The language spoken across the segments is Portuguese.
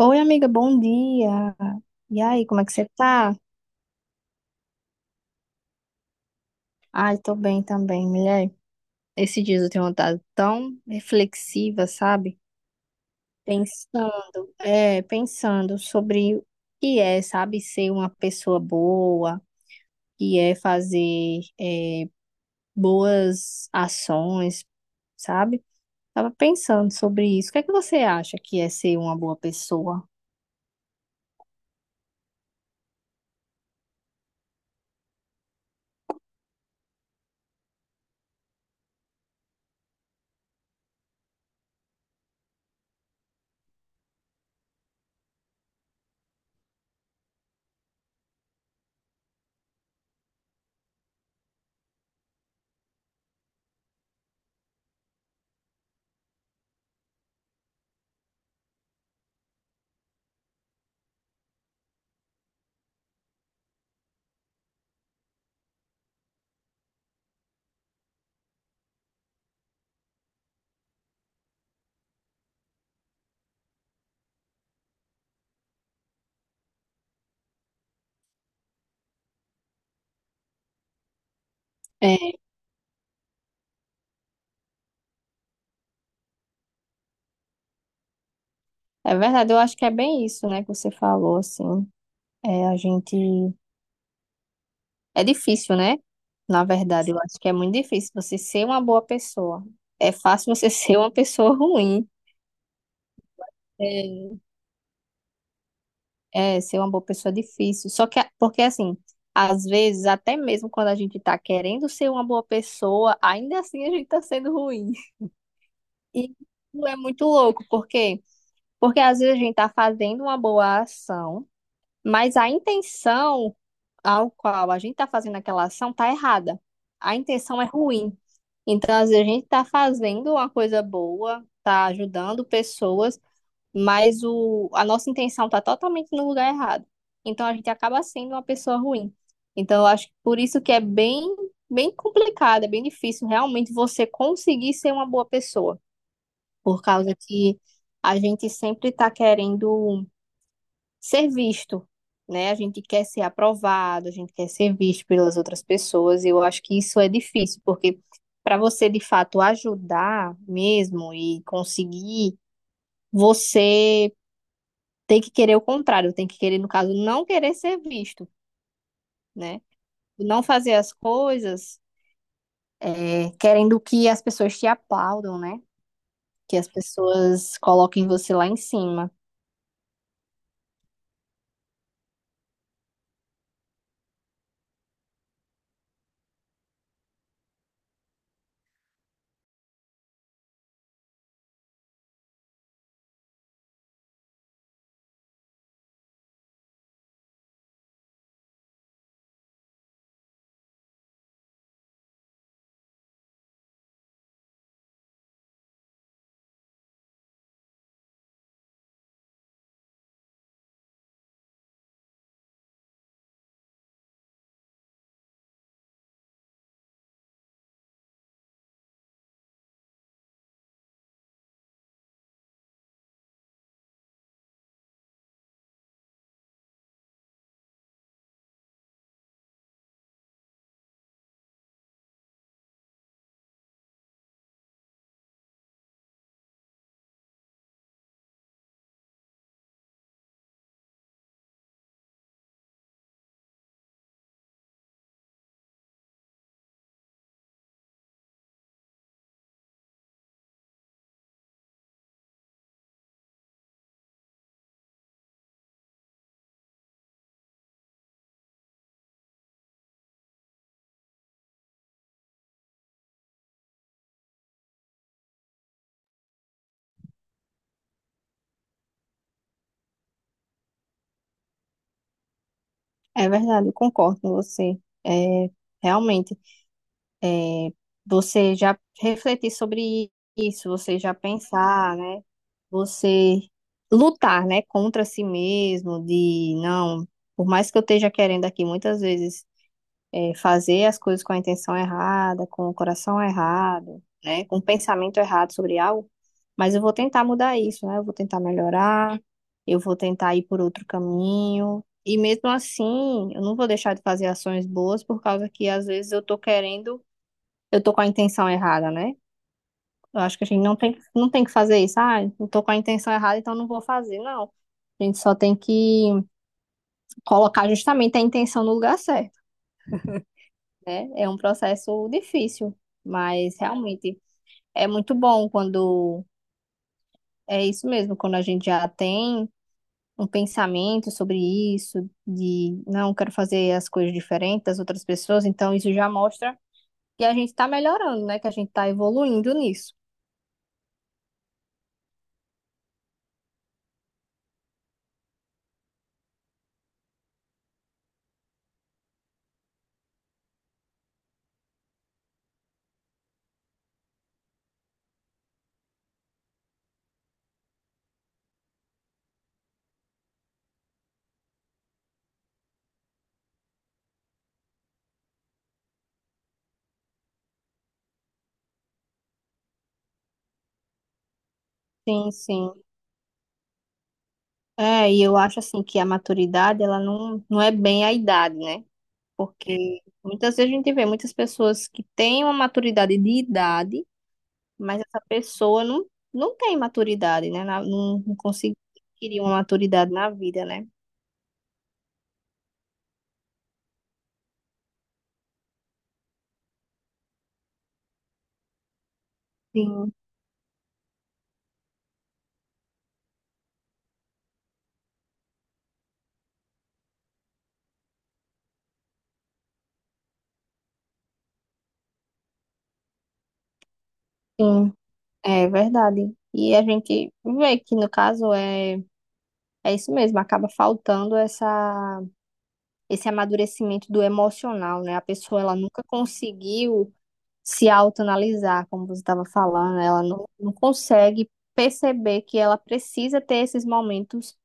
Oi, amiga, bom dia. E aí, como é que você tá? Ai, tô bem também, mulher. Esses dias eu tenho andado tão reflexiva, sabe? Pensando sobre o que é, sabe, ser uma pessoa boa, o que é fazer, boas ações, sabe? Tava pensando sobre isso. O que é que você acha que é ser uma boa pessoa? É, é verdade, eu acho que é bem isso, né, que você falou, assim. É, a gente é difícil, né? Na verdade, eu acho que é muito difícil você ser uma boa pessoa. É fácil você ser uma pessoa ruim. É, é, ser uma boa pessoa é difícil. Só que, porque assim, às vezes, até mesmo quando a gente tá querendo ser uma boa pessoa, ainda assim a gente tá sendo ruim. E isso é muito louco, por quê? Porque às vezes a gente tá fazendo uma boa ação, mas a intenção ao qual a gente está fazendo aquela ação está errada. A intenção é ruim. Então, às vezes, a gente está fazendo uma coisa boa, está ajudando pessoas, mas a nossa intenção está totalmente no lugar errado. Então, a gente acaba sendo uma pessoa ruim. Então, eu acho que por isso que é bem, bem complicado, é bem difícil realmente você conseguir ser uma boa pessoa, por causa que a gente sempre está querendo ser visto, né? A gente quer ser aprovado, a gente quer ser visto pelas outras pessoas, e eu acho que isso é difícil, porque para você de fato ajudar mesmo e conseguir, você tem que querer o contrário, tem que querer, no caso, não querer ser visto, né? Não fazer as coisas, é, querendo que as pessoas te aplaudam, né? Que as pessoas coloquem você lá em cima. É verdade, eu concordo com você. É, realmente. Você já refletir sobre isso, você já pensar, né? Você lutar, né, contra si mesmo, de não, por mais que eu esteja querendo aqui muitas vezes, fazer as coisas com a intenção errada, com o coração errado, né, com o pensamento errado sobre algo, mas eu vou tentar mudar isso, né? Eu vou tentar melhorar, eu vou tentar ir por outro caminho. E mesmo assim, eu não vou deixar de fazer ações boas por causa que às vezes eu tô com a intenção errada, né? Eu acho que a gente não tem que fazer isso. Ah, eu tô com a intenção errada, então não vou fazer. Não. A gente só tem que colocar justamente a intenção no lugar certo, né? É um processo difícil, mas realmente é muito bom quando é isso mesmo, quando a gente já tem um pensamento sobre isso, de não quero fazer as coisas diferentes das outras pessoas, então isso já mostra que a gente tá melhorando, né? Que a gente tá evoluindo nisso. Sim, sim. É, e eu acho assim que a maturidade, ela não é bem a idade, né? Porque muitas vezes a gente vê muitas pessoas que têm uma maturidade de idade, mas essa pessoa não, não tem maturidade, né? Não, não conseguiu adquirir uma maturidade na vida, né? Sim, sim, é verdade. E a gente vê que no caso é, é isso mesmo, acaba faltando essa, esse amadurecimento do emocional, né? A pessoa ela nunca conseguiu se autoanalisar, como você estava falando, ela não consegue perceber que ela precisa ter esses momentos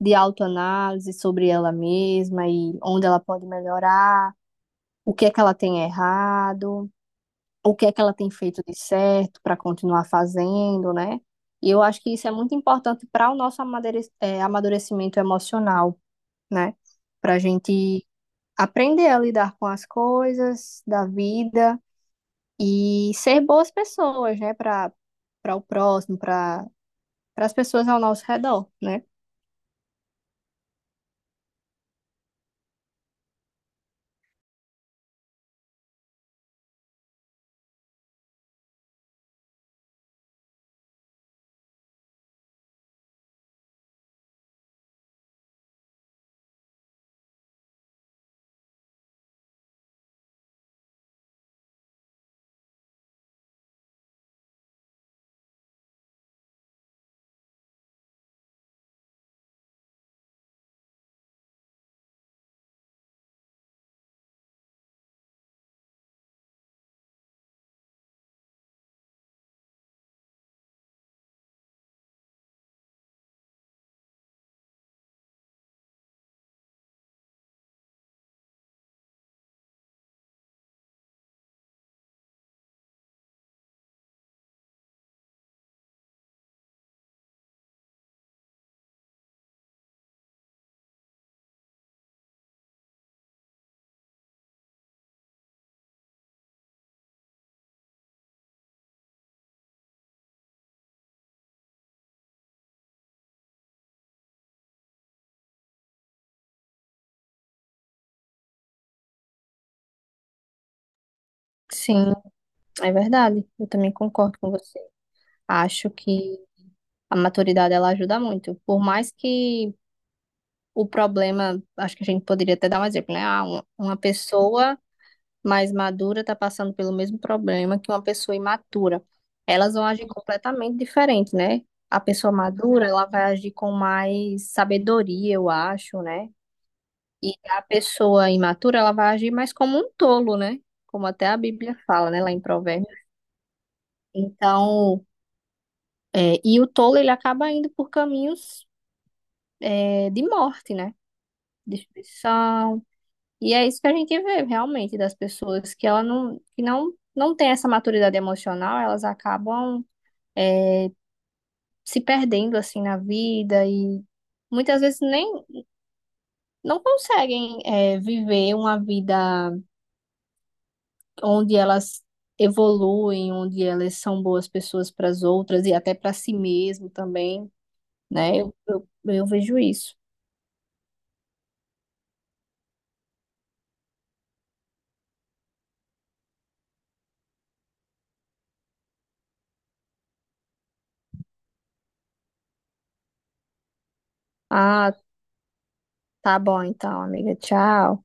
de autoanálise sobre ela mesma e onde ela pode melhorar, o que é que ela tem errado, o que é que ela tem feito de certo para continuar fazendo, né? E eu acho que isso é muito importante para o nosso amadurecimento emocional, né? Para a gente aprender a lidar com as coisas da vida e ser boas pessoas, né, para o próximo, para as pessoas ao nosso redor, né? Sim, é verdade. Eu também concordo com você. Acho que a maturidade ela ajuda muito. Por mais que o problema, acho que a gente poderia até dar um exemplo, né? Ah, uma pessoa mais madura está passando pelo mesmo problema que uma pessoa imatura. Elas vão agir completamente diferente, né? A pessoa madura, ela vai agir com mais sabedoria, eu acho, né? E a pessoa imatura, ela vai agir mais como um tolo, né? Como até a Bíblia fala, né, lá em Provérbios. Então, é, e o tolo, ele acaba indo por caminhos, é, de morte, né? Destruição. E é isso que a gente vê realmente das pessoas que ela não, que não, não tem essa maturidade emocional, elas acabam, é, se perdendo assim na vida e muitas vezes nem não conseguem, é, viver uma vida onde elas evoluem, onde elas são boas pessoas para as outras e até para si mesmo também, né? Eu vejo isso. Ah, tá bom então, amiga. Tchau.